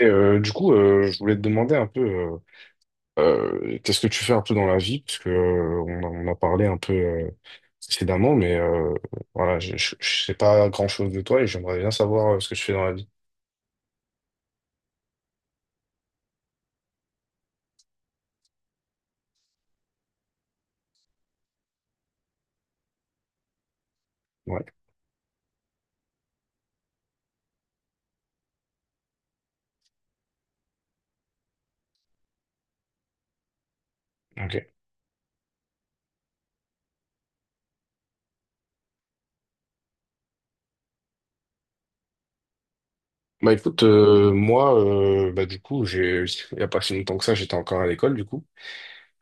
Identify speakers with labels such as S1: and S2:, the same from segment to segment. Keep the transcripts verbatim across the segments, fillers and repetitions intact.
S1: Et, euh, du coup, euh, je voulais te demander un peu, euh, euh, qu'est-ce que tu fais un peu dans la vie, parce que euh, on, a on a parlé un peu, euh, précédemment, mais, euh, voilà, je, je, je sais pas grand-chose de toi et j'aimerais bien savoir, euh, ce que tu fais dans la vie. Ouais, ok. Bah écoute, euh, moi, euh, bah du coup, j'ai, il y a pas si longtemps que ça, j'étais encore à l'école, du coup.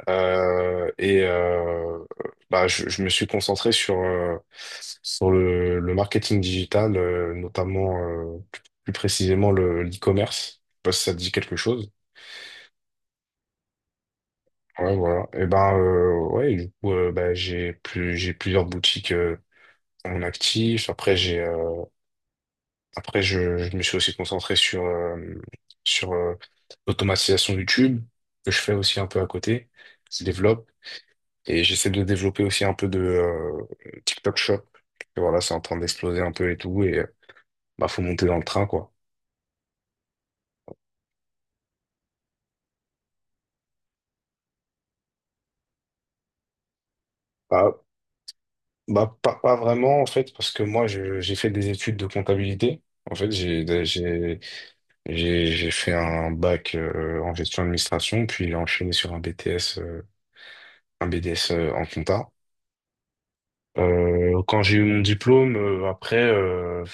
S1: Euh, et, euh, bah, je, je me suis concentré sur, euh, sur le, le marketing digital, euh, notamment, euh, plus, plus précisément le, l'e-commerce. Je sais pas si ça te dit quelque chose. Ouais, voilà. Et ben, euh, ouais, du coup, euh, bah, j'ai plus, j'ai plusieurs boutiques, euh, en actif. Après, j'ai euh, après je, je me suis aussi concentré sur, euh, sur euh, l'automatisation YouTube, que je fais aussi un peu à côté, qui se développe. Et j'essaie de développer aussi un peu de, euh, TikTok Shop. Et voilà, c'est en train d'exploser un peu et tout. Et, euh, bah, faut monter dans le train, quoi. Bah, bah, pas, pas vraiment, en fait, parce que moi, je- j'ai fait des études de comptabilité. En fait, j'ai j'ai j'ai j'ai fait un bac, euh, en gestion d'administration, puis j'ai enchaîné sur un B T S, euh, un B D S, euh, en compta. Euh, quand j'ai eu mon diplôme, euh, après, euh,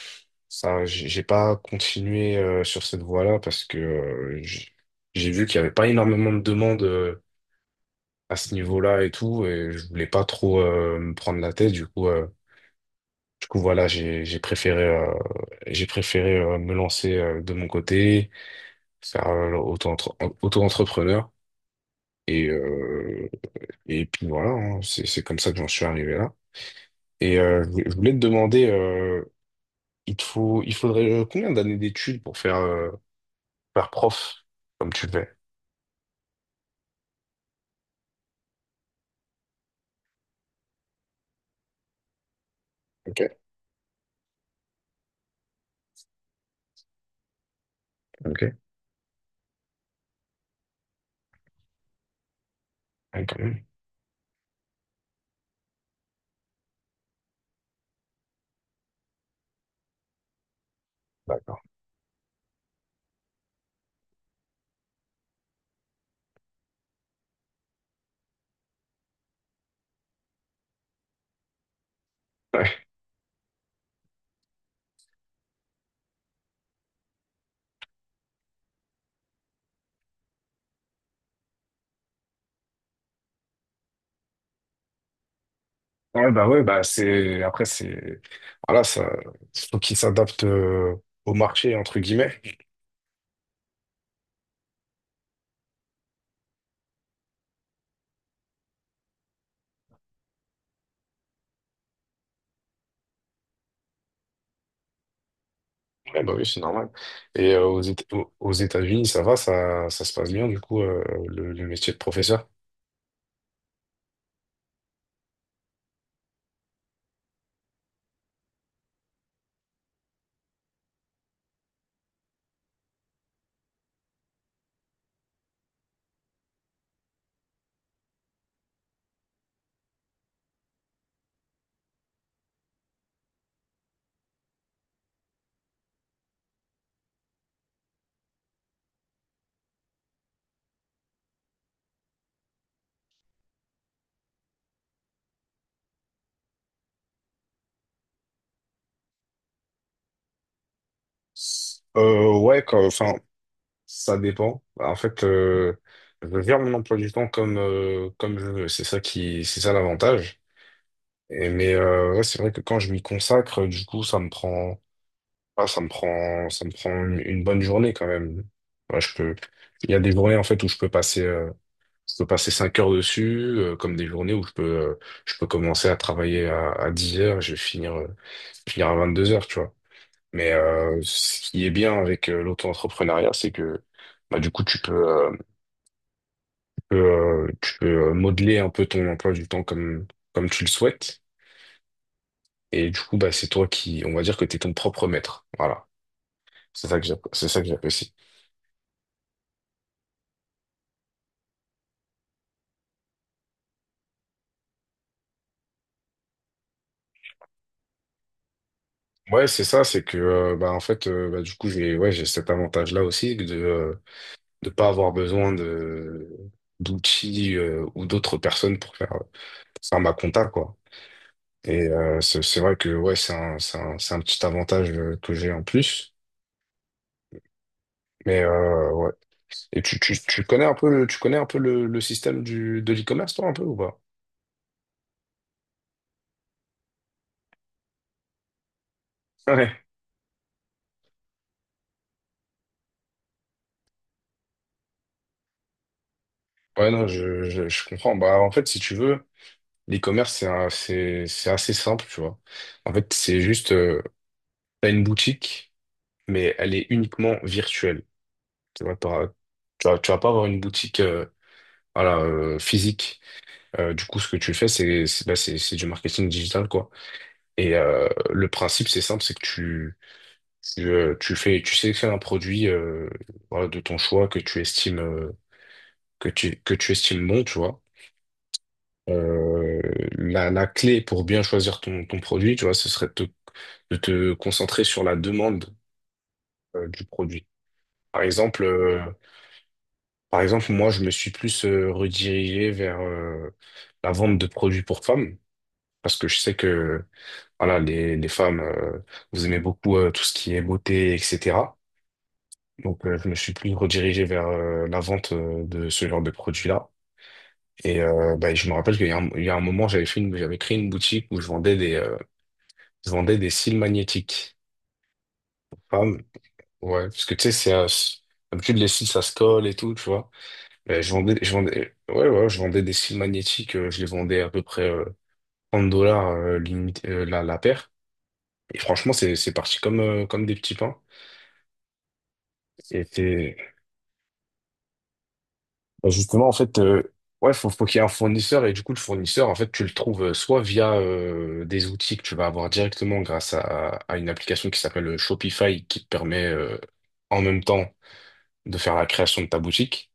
S1: ça, j'ai j'ai pas continué, euh, sur cette voie-là parce que, euh, j- j'ai vu qu'il y avait pas énormément de demandes, euh, à ce niveau-là et tout, et je voulais pas trop, euh, me prendre la tête. Du coup, euh, du coup, voilà, j'ai j'ai préféré, euh, j'ai préféré, euh, me lancer, euh, de mon côté, faire, euh, auto-entre- auto-entrepreneur, et euh, et puis voilà, hein, c'est c'est comme ça que j'en suis arrivé là. Et, euh, je voulais je voulais te demander, euh, Il te faut, il faudrait, euh, combien d'années d'études pour faire, euh, faire prof comme tu le fais? Ok, ok. Ouais, quand même. D'accord. Ouais. Ouais, bah ouais, bah c'est. Après, c'est. Voilà, ça. Faut qu'ils s'adaptent, euh, au marché, entre guillemets. Ouais, bah oui, c'est normal. Et, euh, aux Éta- aux aux États-Unis, ça va, ça, ça se passe bien, du coup, euh, le, le métier de professeur. Euh, ouais, quand- enfin, ça dépend. Bah, En fait, euh, je gère mon emploi du temps comme, euh, comme je veux. C'est ça qui, c'est ça l'avantage. Et, mais euh, ouais, c'est vrai que quand je m'y consacre, du coup, ça me prend, ah, ça me prend, ça me prend une, une bonne journée quand même. Ouais, je peux, il y a des journées en fait où je peux passer, euh, je peux passer cinq heures dessus, euh, comme des journées où je peux, euh, je peux commencer à travailler à, à 10 heures, je vais finir, euh, finir à vingt-deux heures, tu vois. Mais, euh, ce qui est bien avec, euh, l'auto-entrepreneuriat, c'est que bah, du coup, tu peux, euh, tu peux, euh, tu peux, euh, modeler un peu ton emploi du temps comme, comme tu le souhaites. Et du coup, bah, c'est toi qui, on va dire que tu es ton propre maître. Voilà. C'est ça que j'app- c'est ça que j'apprécie. Ouais, c'est ça, c'est que, euh, bah en fait, euh, bah, du coup j'ai, ouais, j'ai cet avantage-là aussi de euh, de pas avoir besoin de d'outils, euh, ou d'autres personnes pour faire pour faire ma compta, quoi. Et, euh, c'est c'est vrai que ouais, c'est un c'est un c'est un petit avantage, euh, que j'ai en plus. Mais, euh, ouais. Et tu tu tu connais un peu le, tu connais un peu le, le système du de l'e-commerce, toi, un peu ou pas? Ouais, non, je, je, je comprends. Bah, en fait, si tu veux, l'e-commerce, c'est un- c'est, c'est assez simple, tu vois. En fait, c'est juste, euh, t'as une boutique, mais elle est uniquement virtuelle. Tu vois, t'auras- tu vas, tu vas pas avoir une boutique, euh, voilà, euh, physique. Euh, du coup, ce que tu fais, c'est, c'est, bah, c'est, c'est du marketing digital, quoi. Et, euh, le principe, c'est simple, c'est que tu, tu, euh, tu fais, tu sélectionnes un produit, euh, voilà, de ton choix que tu estimes, euh, que tu, que tu estimes bon, tu vois. Euh, la, la clé pour bien choisir ton, ton produit, tu vois, ce serait de te, de te concentrer sur la demande, euh, du produit. Par exemple, euh, Par exemple, moi, je me suis plus, euh, redirigé vers, euh, la vente de produits pour femmes parce que je sais que voilà, les, les femmes, euh, vous aimez beaucoup, euh, tout ce qui est beauté, et cetera. Donc, euh, je me suis plus redirigé vers, euh, la vente, euh, de ce genre de produits-là. Et, euh, bah, je me rappelle qu'il y a un, il y a un moment, j'avais fait une, j'avais créé une boutique où je vendais des, euh, je vendais des cils magnétiques. Ah, mais- ouais, parce que tu sais, c'est un- c'est- d'habitude les cils ça se colle et tout, tu vois. Mais je vendais, je vendais, ouais, ouais, je vendais des cils magnétiques, euh, je les vendais à peu près, euh, trente dollars, euh, limite, euh, la, la paire. Et franchement, c'est c'est parti comme euh, comme des petits pains. Et c'est- Bah, justement en fait, euh, ouais, faut faut qu'il y ait un fournisseur et du coup le fournisseur en fait tu le trouves, euh, soit via, euh, des outils que tu vas avoir directement grâce à à une application qui s'appelle, euh, Shopify, qui te permet, euh, en même temps, de faire la création de ta boutique.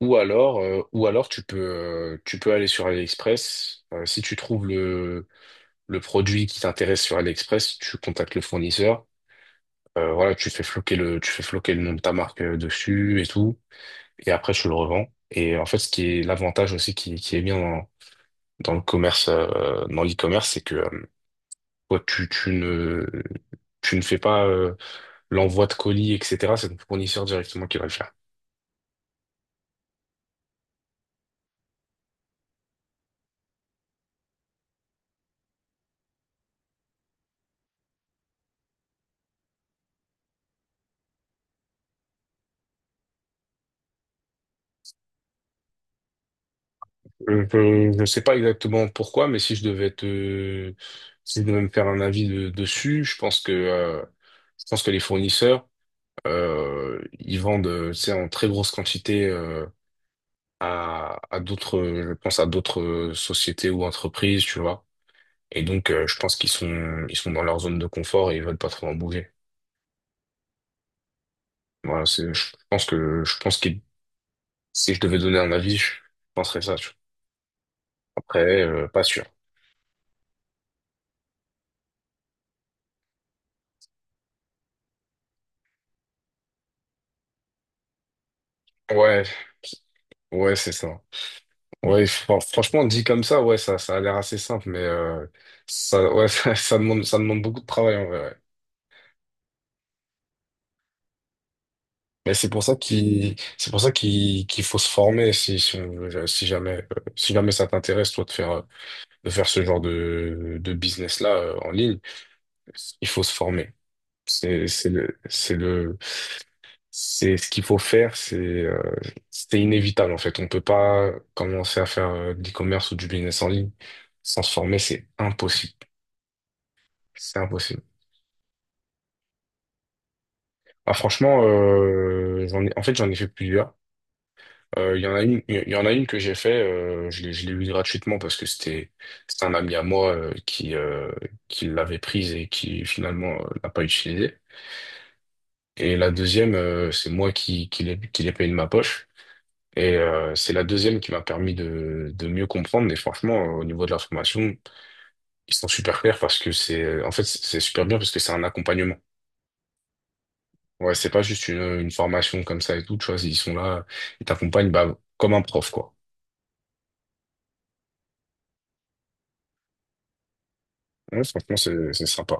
S1: Ou alors, euh, ou alors tu peux, euh, tu peux aller sur AliExpress. Euh, si tu trouves le, le produit qui t'intéresse sur AliExpress, tu contactes le fournisseur. Euh, voilà, tu fais floquer le, tu fais floquer le nom de ta marque, euh, dessus et tout. Et après, tu le revends. Et en fait, ce qui est l'avantage aussi qui, qui est bien dans, dans le commerce, euh, dans l'e-commerce, c'est que, euh, toi, tu, tu ne, tu ne fais pas, euh, l'envoi de colis, et cetera. C'est ton fournisseur directement qui va le faire. Je ne sais pas exactement pourquoi, mais si je devais te, si je devais me faire un avis, de- dessus, je pense que, euh, je pense que les fournisseurs, euh, ils vendent, euh, tu sais, en très grosse quantité, euh, à, à d'autres, euh, je pense à d'autres, euh, sociétés ou entreprises, tu vois. Et donc, euh, je pense qu'ils sont, ils sont dans leur zone de confort et ils veulent pas trop en bouger. Voilà, c'est, je pense que, je pense que si je devais donner un avis, je penserais ça, tu vois. Après, euh, pas sûr. Ouais, ouais, c'est ça. Ouais, fran- franchement, dit comme ça, ouais, ça, ça a l'air assez simple, mais, euh, ça, ouais, ça, ça demande, ça demande beaucoup de travail en vrai, ouais. Mais c'est pour ça qu'il, c'est pour ça qu'il, qu'il faut se former, si, si, on- si jamais, euh, si jamais ça t'intéresse, toi, de faire, euh, de faire ce genre de, de business-là, euh, en ligne, il faut se former. C'est, c'est le, c'est le, c'est ce qu'il faut faire. C'est, euh, c'est inévitable en fait. On peut pas commencer à faire, euh, de l'e-commerce ou du business en ligne sans se former. C'est impossible. C'est impossible. Ah, franchement, euh, j'en ai, en fait, j'en ai fait plusieurs. Euh, Il y en a une, il y en a une que j'ai fait, euh, je l'ai, je l'ai eue gratuitement parce que c'était, c'était un ami à moi, euh, qui, euh, qui l'avait prise et qui finalement, euh, l'a pas utilisée. Et la deuxième, euh, c'est moi qui, qui l'ai, qui l'ai payée de ma poche. Et, euh, c'est la deuxième qui m'a permis de, de mieux comprendre. Et franchement, euh, au niveau de la formation, ils sont super clairs parce que c'est, en fait, c'est super bien parce que c'est un accompagnement. Ouais, c'est pas juste une, une formation comme ça et tout, tu vois, ils sont là, ils t'accompagnent, bah, comme un prof, quoi. Ouais, franchement, c'est c'est sympa.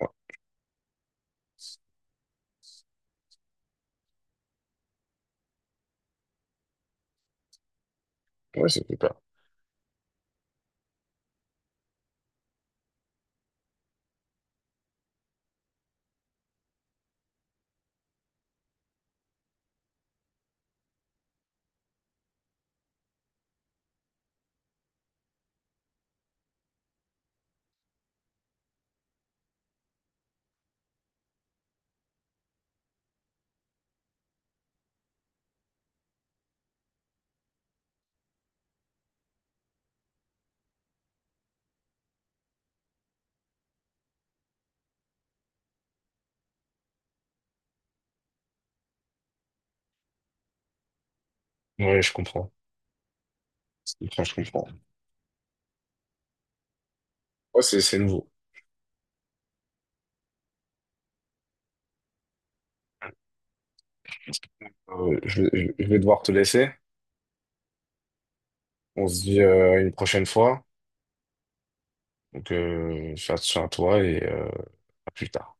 S1: Ouais, ouais, c'est super. Ouais, je comprends. Je comprends, je comprends. Ouais, c'est c'est nouveau. Euh, je, vais je vais devoir te laisser. On se dit, euh, une prochaine fois. Donc, euh, fais attention à toi et, euh, à plus tard.